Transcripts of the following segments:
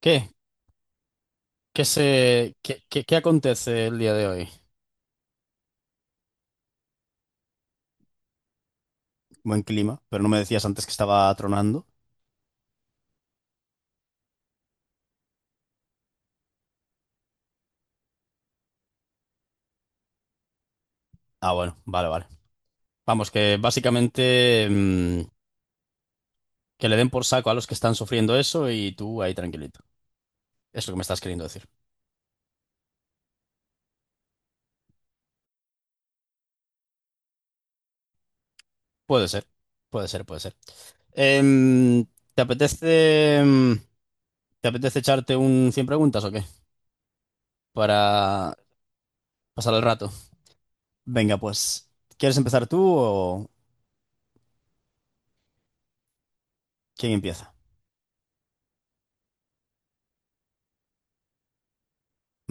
¿Qué? ¿Qué se, qué, qué- qué acontece el día de hoy? Buen clima, pero no me decías antes que estaba tronando. Ah, bueno, vale, vale. Vamos, que básicamente que le den por saco a los que están sufriendo eso y tú ahí tranquilito. Es lo que me estás queriendo decir. Puede ser, puede ser, puede ser. Em, ¿Te apetece, te apetece echarte un 100 preguntas o qué? Para pasar el rato. Venga, pues, ¿quieres empezar tú o quién empieza?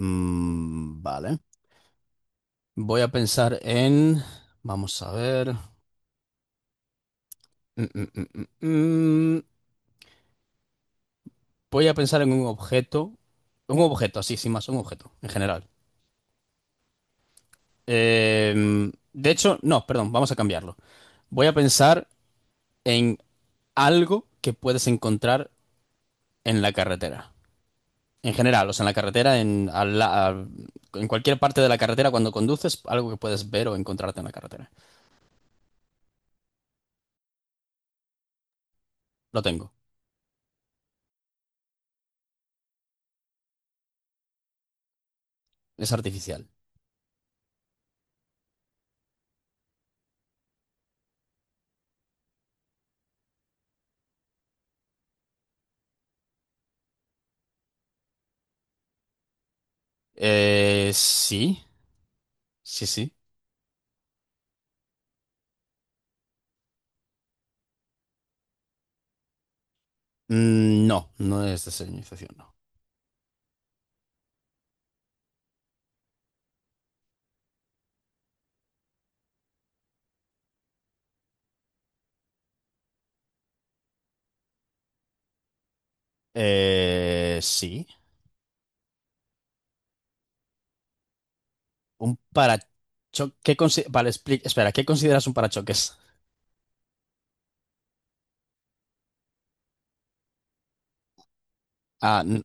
Vale. Voy a pensar en... Vamos a ver. Mm, mm, mm, mm, mm. Voy a pensar en un objeto. Un objeto, así, sin más, un objeto, en general. De hecho, no, perdón, vamos a cambiarlo. Voy a pensar en algo que puedes encontrar en la carretera. En general, o sea, en la carretera, en, en cualquier parte de la carretera cuando conduces, algo que puedes ver o encontrarte en la carretera. Lo tengo. Es artificial. Eh, sí, sí, sí. Mm, no, no es desalinización, no. Sí. Un parachoques. Vale, espera, ¿qué consideras un parachoques? Ah, n-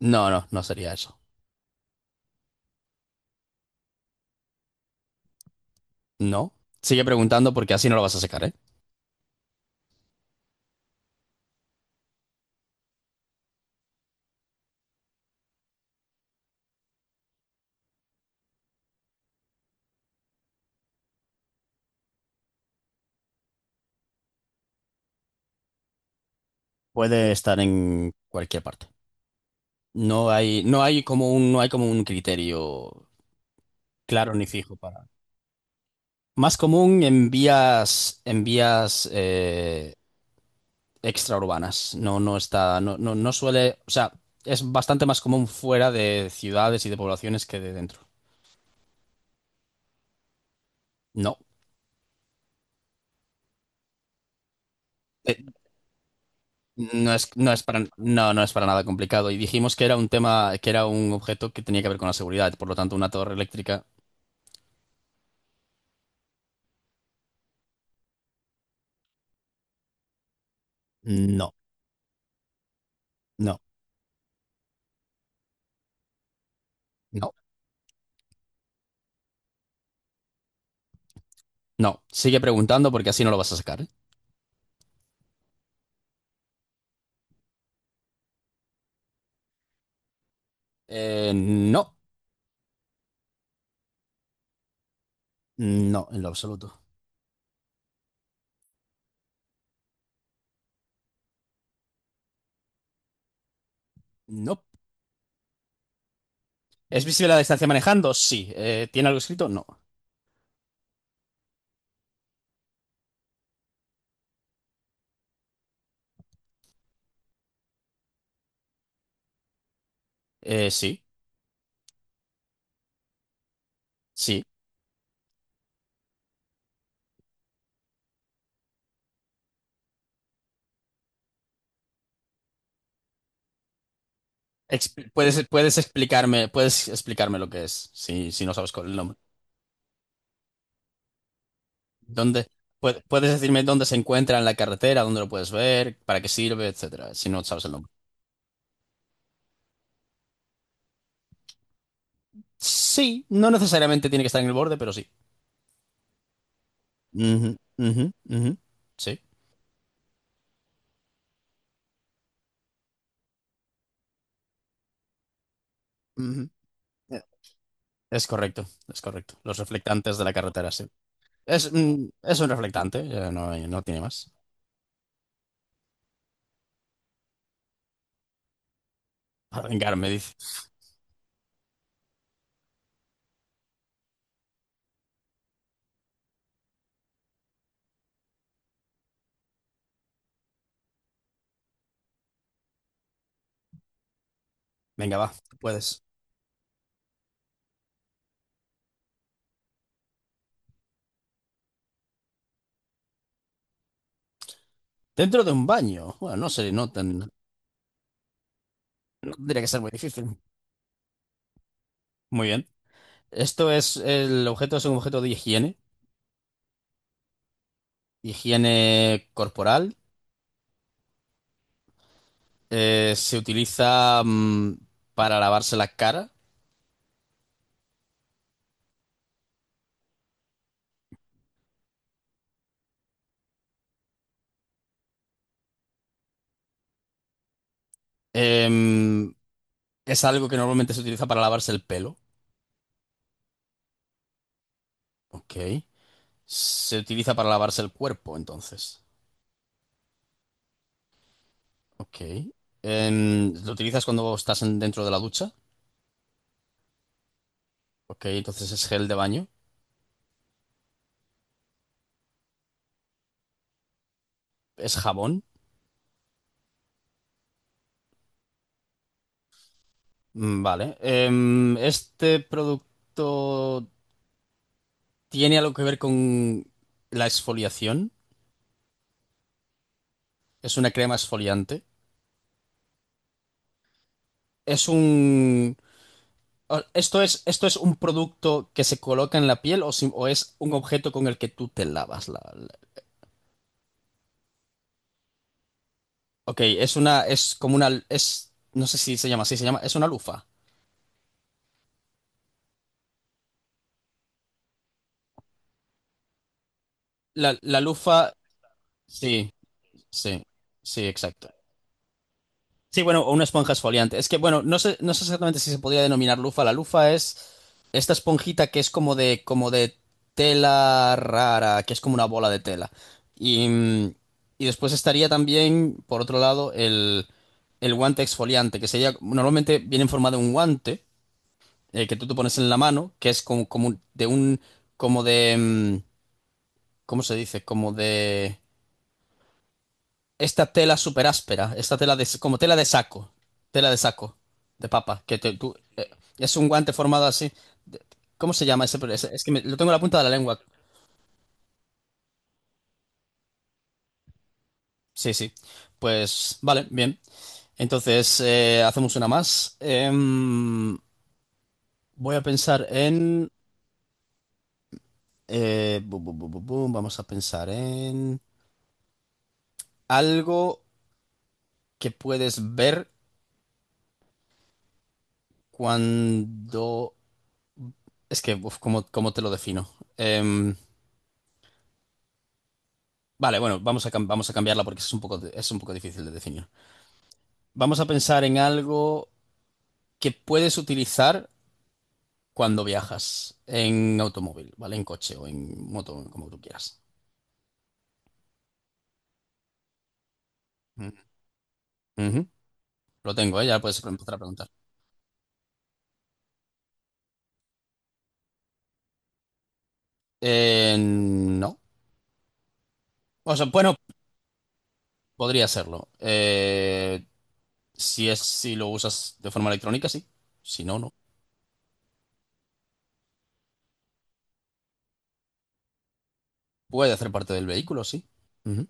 no, no, no sería eso. No. Sigue preguntando porque así no lo vas a sacar, ¿eh? Puede estar en cualquier parte. No hay como un, no hay como un criterio claro ni fijo para. Más común en vías extraurbanas. No, no está, no, no, no suele, o sea, es bastante más común fuera de ciudades y de poblaciones que de dentro. No. Eh, no es, no es para, no, no es para nada complicado. Y dijimos que era un tema, que era un objeto que tenía que ver con la seguridad. Por lo tanto, una torre eléctrica, no, no, no, no. Sigue preguntando porque así no lo vas a sacar, ¿eh? No, no, en lo absoluto. No. ¿Es visible la distancia manejando? Sí. ¿Tiene algo escrito? No. Sí, sí. Puedes, puedes explicarme lo que es, si, si no sabes cuál es el nombre. ¿Dónde, puedes decirme dónde se encuentra en la carretera, dónde lo puedes ver, para qué sirve, etcétera, si no sabes el nombre. Sí, no necesariamente tiene que estar en el borde, pero sí. Ujú, ujú, ujú, sí. Ujú. Eh, Es correcto, es correcto. Los reflectantes de la carretera, sí. Es, es un reflectante, no, no tiene más. Para vengarme, dice. Venga, va, tú puedes. Dentro de un baño. Bueno, no sé, no tendría que ser muy difícil. Muy bien. Esto es, el objeto es un objeto de higiene, higiene corporal. Se utiliza para lavarse la cara. Em, es algo que normalmente se utiliza para lavarse el pelo. Ok. Se utiliza para lavarse el cuerpo, entonces. Ok. Em, lo utilizas cuando estás dentro de la ducha. Ok, entonces es gel de baño. Es jabón. Mm, vale. Em, este producto tiene algo que ver con la exfoliación. Es una crema exfoliante. Es un... esto es un producto que se coloca en la piel o, o es un objeto con el que tú te lavas la, Ok, es una... Es como una... Es... No sé si se llama así, se llama... Es una lufa. La, la lufa... Sí, sí, sí, exacto. Sí, bueno, o una esponja exfoliante. Es que, bueno, no sé, no sé exactamente si se podría denominar lufa. La lufa es... Esta esponjita que es como de tela rara, que es como una bola de tela. Y, y después estaría también, por otro lado, el guante exfoliante, que sería, normalmente viene en forma de un guante que tú te pones en la mano, que es como, de un, como de, ¿cómo se dice? Como de... Esta tela súper áspera, esta tela de, como tela de saco, de papa, tú, es un guante formado así. De- ¿Cómo se llama ese? Es, lo tengo en la punta de la lengua. Sí, sí. Pues vale, bien. Entonces hacemos una más. Voy a pensar en... vamos a pensar en algo que puedes ver cuando... Es que, uf, ¿cómo, cómo te lo defino? Em, vale, bueno, vamos a cambiarla porque es un poco, es un poco difícil de definir. Vamos a pensar en algo que puedes utilizar cuando viajas en automóvil, ¿vale? En coche o en moto, como tú quieras. Ujú. Ujú. Lo tengo, ¿eh? Ya puedes empezar a preguntar. No. O sea, bueno, podría serlo. Si es, si lo usas de forma electrónica, sí. Si no, no. Puede hacer parte del vehículo, sí. Ujú.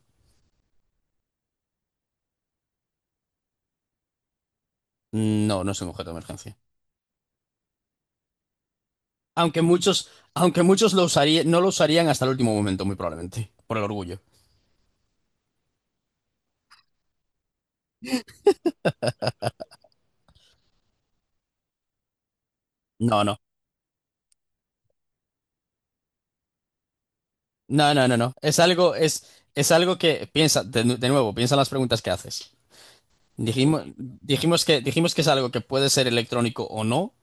No, no es un objeto de emergencia. Aunque muchos, no lo usarían hasta el último momento, muy probablemente, por el orgullo. No, no, no, no, no, no. Es algo que piensa, de nuevo, piensa en las preguntas que haces. Dijimos, dijimos que es algo que puede ser electrónico o no,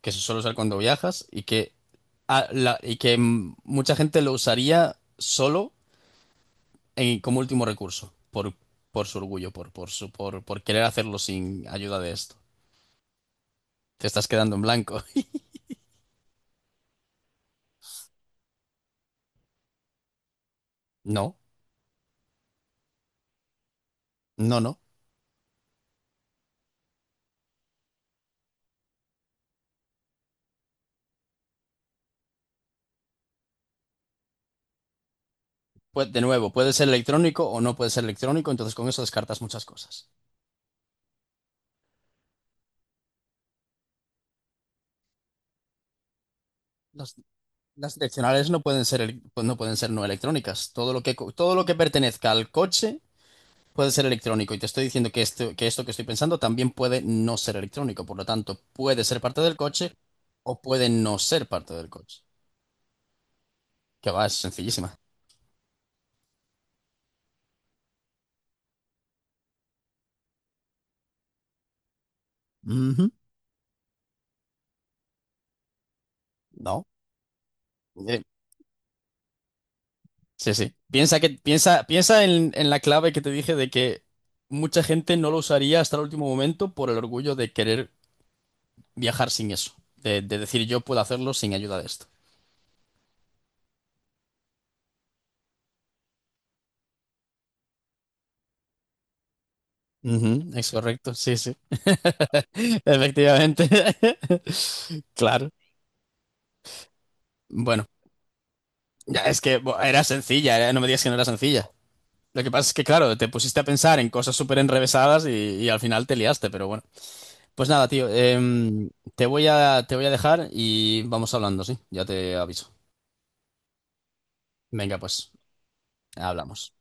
que se suele usar cuando viajas y que, y que mucha gente lo usaría solo como último recurso, por su orgullo, por su, por querer hacerlo sin ayuda de esto. Te estás quedando en blanco. No, no, no. Pues de nuevo, puede ser electrónico o no puede ser electrónico, entonces con eso descartas muchas cosas. Las, las direccionales no pueden ser, pues no pueden ser no electrónicas. Todo lo que, todo lo que pertenezca al coche puede ser electrónico. Y te estoy diciendo que esto, que esto que estoy pensando también puede no ser electrónico. Por lo tanto, puede ser parte del coche o puede no ser parte del coche. Que va, es sencillísima. Ujú. ¿No? Eh, sí, sí. Piensa que, piensa, piensa en la clave que te dije de que mucha gente no lo usaría hasta el último momento por el orgullo de querer viajar sin eso. De decir yo puedo hacerlo sin ayuda de esto. Ujú, es correcto, sí, sí. Efectivamente. Claro. Bueno, ya es que bo, era sencilla, no me digas que no era sencilla. Lo que pasa es que, claro, te pusiste a pensar en cosas súper enrevesadas y al final te liaste, pero bueno. Pues nada, tío, te voy a dejar y vamos hablando, ¿sí? Ya te aviso. Venga, pues, hablamos.